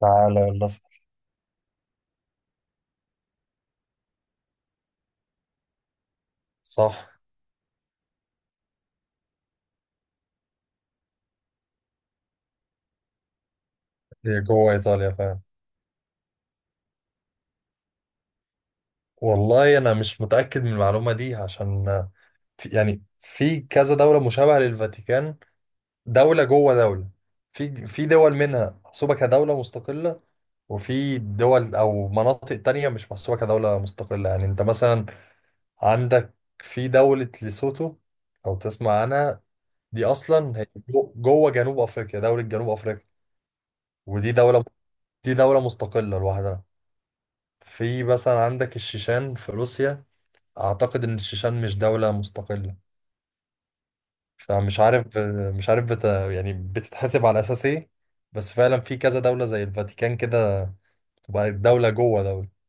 تعالى، يلا اسأل. صح. هي جوه إيطاليا فعلا. والله أنا مش متأكد من المعلومة دي عشان في يعني كذا دولة مشابهة للفاتيكان، دولة جوه دولة. في دول منها محسوبة كدولة مستقلة، وفي دول أو مناطق تانية مش محسوبة كدولة مستقلة. يعني أنت مثلا عندك في دولة ليسوتو، لو تسمع عنها، دي أصلا هي جوه جنوب أفريقيا، دولة جنوب أفريقيا. ودي دولة، دي دولة مستقلة لوحدها. في مثلا عندك الشيشان في روسيا، اعتقد ان الشيشان مش دولة مستقلة. فمش عارف، مش عارف يعني بتتحسب على اساس ايه. بس فعلا في كذا دولة زي الفاتيكان كده، تبقى دولة جوه دولة.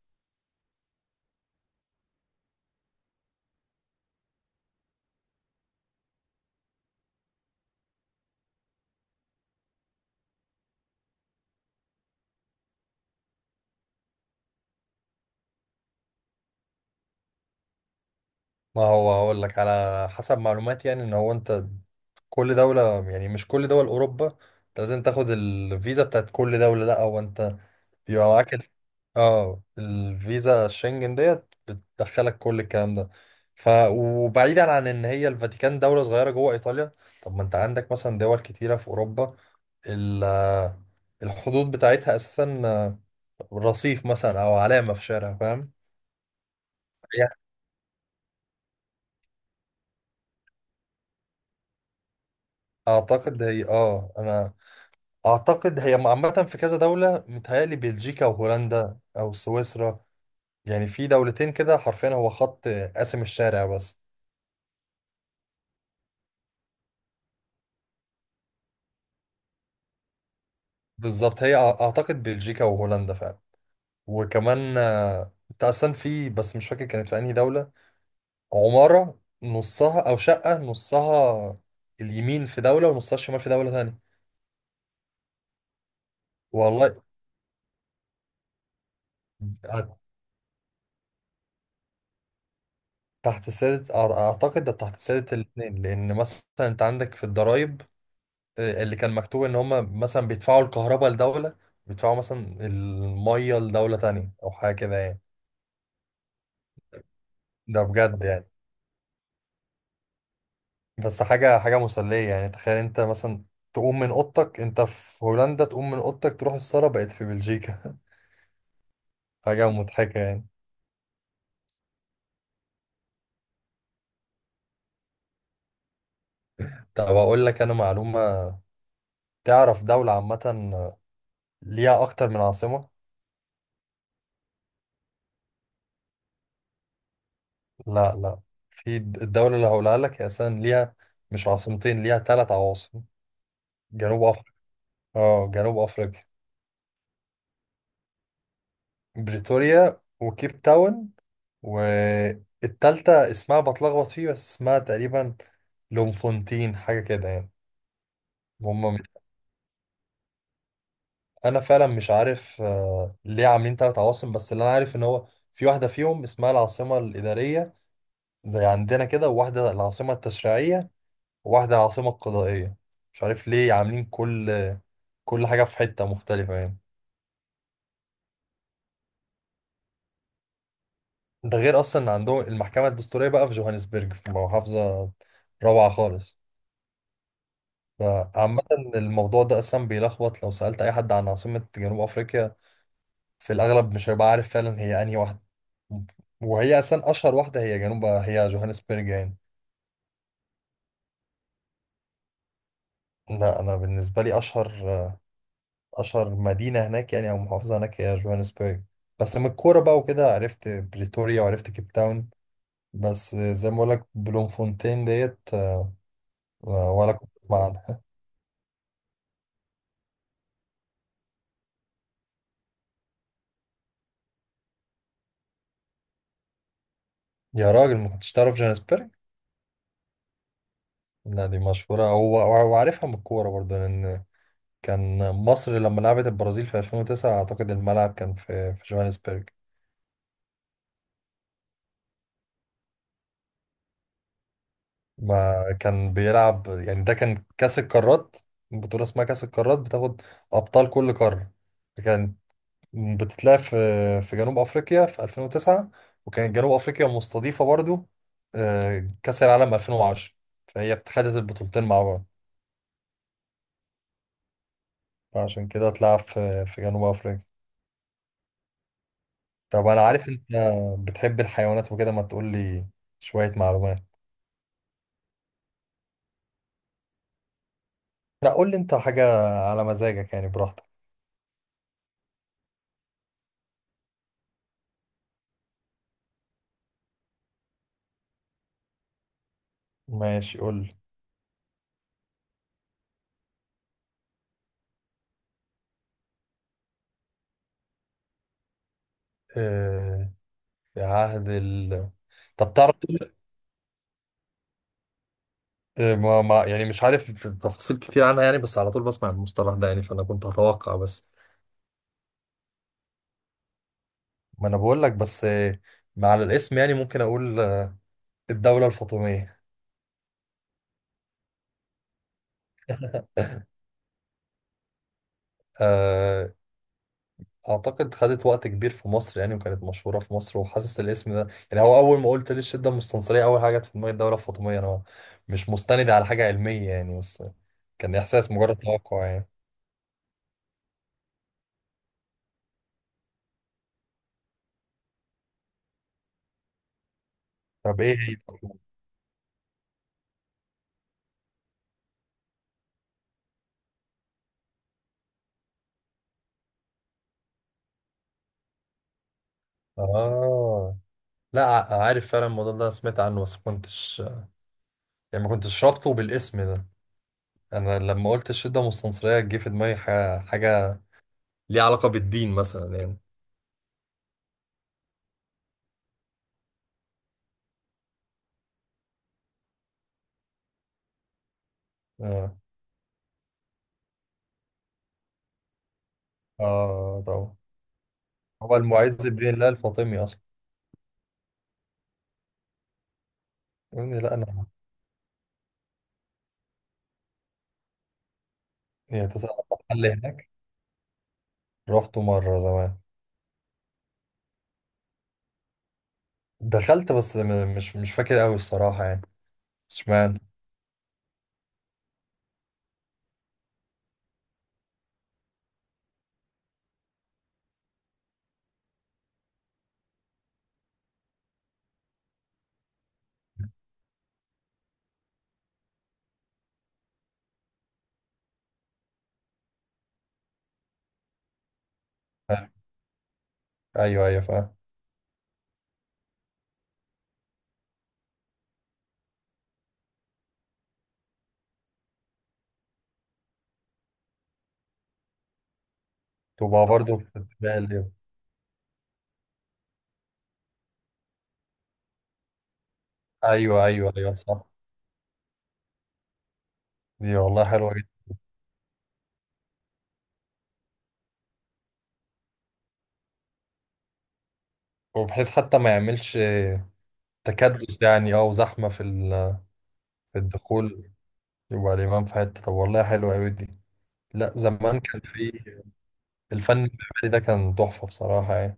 ما هو هقول لك على حسب معلوماتي، يعني ان هو انت كل دولة، يعني مش كل دول اوروبا انت لازم تاخد الفيزا بتاعت كل دولة، لا هو انت بيبقى معاك، اه، الفيزا الشنجن ديت بتدخلك كل الكلام ده. ف وبعيدا عن ان هي الفاتيكان دولة صغيرة جوه ايطاليا، طب ما انت عندك مثلا دول كتيرة في اوروبا، ال الحدود بتاعتها اساسا رصيف مثلا او علامة في شارع، فاهم؟ هي اعتقد هي اه انا اعتقد هي عامة في كذا دولة، متهيألي بلجيكا وهولندا او سويسرا، يعني في دولتين كده حرفيا هو خط قاسم الشارع بس. بالظبط، هي اعتقد بلجيكا وهولندا فعلا. وكمان انت اصلا في، بس مش فاكر كانت في انهي دولة، عمارة نصها او شقة نصها اليمين في دولة ونصها الشمال في دولة تانية. والله، تحت سيادة اعتقد ده تحت سيادة الاتنين، لان مثلا انت عندك في الضرايب، اللي كان مكتوب ان هم مثلا بيدفعوا الكهرباء لدولة، بيدفعوا مثلا المية لدولة تانية او حاجة كده يعني. ده بجد يعني. بس حاجة حاجة مسلية، يعني تخيل انت مثلا تقوم من اوضتك انت في هولندا، تقوم من اوضتك تروح السارة بقت في بلجيكا. حاجة مضحكة يعني. طب اقول لك انا معلومة، تعرف دولة عامة ليها اكتر من عاصمة؟ لا لا. في الدولة اللي هقولها لك هي اساسا ليها مش عاصمتين، ليها ثلاث عواصم. جنوب افريقيا. اه، جنوب افريقيا. بريتوريا وكيب تاون، والتالتة اسمها بتلخبط فيه، بس اسمها تقريبا لومفونتين، حاجة كده يعني. هم، انا فعلا مش عارف ليه عاملين ثلاث عواصم، بس اللي انا عارف ان هو في واحده فيهم اسمها العاصمه الاداريه، زي عندنا كده، وواحده العاصمه التشريعيه، وواحده العاصمه القضائيه. مش عارف ليه عاملين كل حاجه في حته مختلفه يعني. ده غير اصلا إن عندهم المحكمه الدستوريه بقى في جوهانسبرج، في محافظه روعه خالص. فعامه، الموضوع ده اصلا بيلخبط، لو سالت اي حد عن عاصمه جنوب افريقيا في الاغلب مش هيبقى عارف فعلا هي انهي واحده ممكن. وهي اصلا اشهر واحده هي جنوب، هي جوهانسبرج يعني. لا، انا بالنسبه لي اشهر، اشهر مدينه هناك يعني او محافظه هناك هي جوهانسبرج، بس من الكوره بقى وكده عرفت بريتوريا وعرفت كيب تاون، بس زي ما بقول لك بلوم فونتين ديت ولا كنت أسمع عنها. يا راجل، ما كنتش تعرف جوهانسبرج؟ لا دي مشهوره هو، وعارفها من الكوره برضه، لان كان مصر لما لعبت البرازيل في 2009 اعتقد الملعب كان في جوهانسبرج. ما كان بيلعب يعني، ده كان كأس القارات، بطولة اسمها كأس القارات بتاخد أبطال كل قارة، كانت بتتلعب في جنوب أفريقيا في 2009، وكانت جنوب أفريقيا مستضيفة برضو كأس العالم 2010، فهي خدت البطولتين مع بعض. فعشان كده اتلعب في جنوب أفريقيا. طب أنا عارف أنت بتحب الحيوانات وكده، ما تقول لي شوية معلومات. لا، قول لي أنت حاجة على مزاجك يعني، براحتك. ماشي، قول لي في عهد ال. طب تعرف، آه، ما ما يعني مش عارف تفاصيل كتير عنها يعني، بس على طول بسمع المصطلح ده يعني، فأنا كنت هتوقع بس. ما أنا بقول لك بس، مع الاسم يعني، ممكن أقول الدولة الفاطمية. آه، أعتقد خدت وقت كبير في مصر يعني، وكانت مشهورة في مصر، وحاسس الاسم ده يعني هو أول ما قلت لي الشدة المستنصرية أول حاجة جت في دماغي الدولة الفاطمية. أنا مش مستند على حاجة علمية يعني، بس كان إحساس مجرد توقع يعني. طب إيه هي؟ آه. لا عارف فعلا الموضوع ده، سمعت عنه بس ما كنتش، يعني ما كنتش رابطه بالاسم ده. انا لما قلت الشدة مستنصرية جه في دماغي حاجة ليها علاقة بالدين مثلا يعني. اه. اه طبعا. هو المعز بدين الله الفاطمي اصلا. يا ابني لا انا. يعني تسقط محل هناك. رحته مرة زمان. دخلت بس مش فاكر قوي الصراحة يعني. اشمعنى. آه، ايوه ايوه فاهم. تبقى برضه في ابتدائي. ايوه ايوه ايوه صح. دي والله حلوة جدا. وبحيث حتى ما يعملش تكدس يعني، اه، وزحمة في الدخول. يبقى الإمام في حتة. طب والله حلوة أوي دي. لا زمان كان في الفن المعماري ده كان تحفة بصراحة يعني.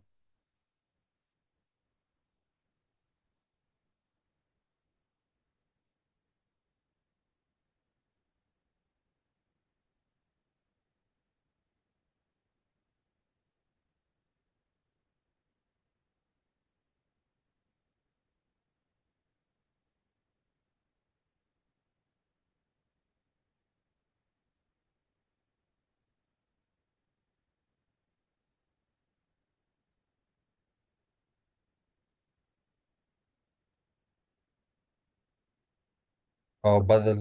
اه بدل.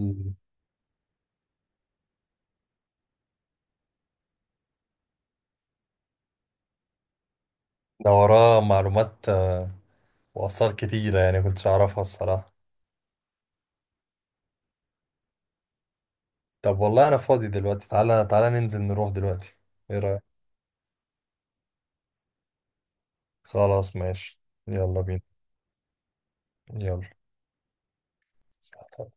ده وراه معلومات وآثار كتيرة يعني كنتش أعرفها الصراحة. طب والله أنا فاضي دلوقتي، تعالى تعالى ننزل نروح دلوقتي. إيه رأيك؟ خلاص ماشي. يلا بينا. يلا.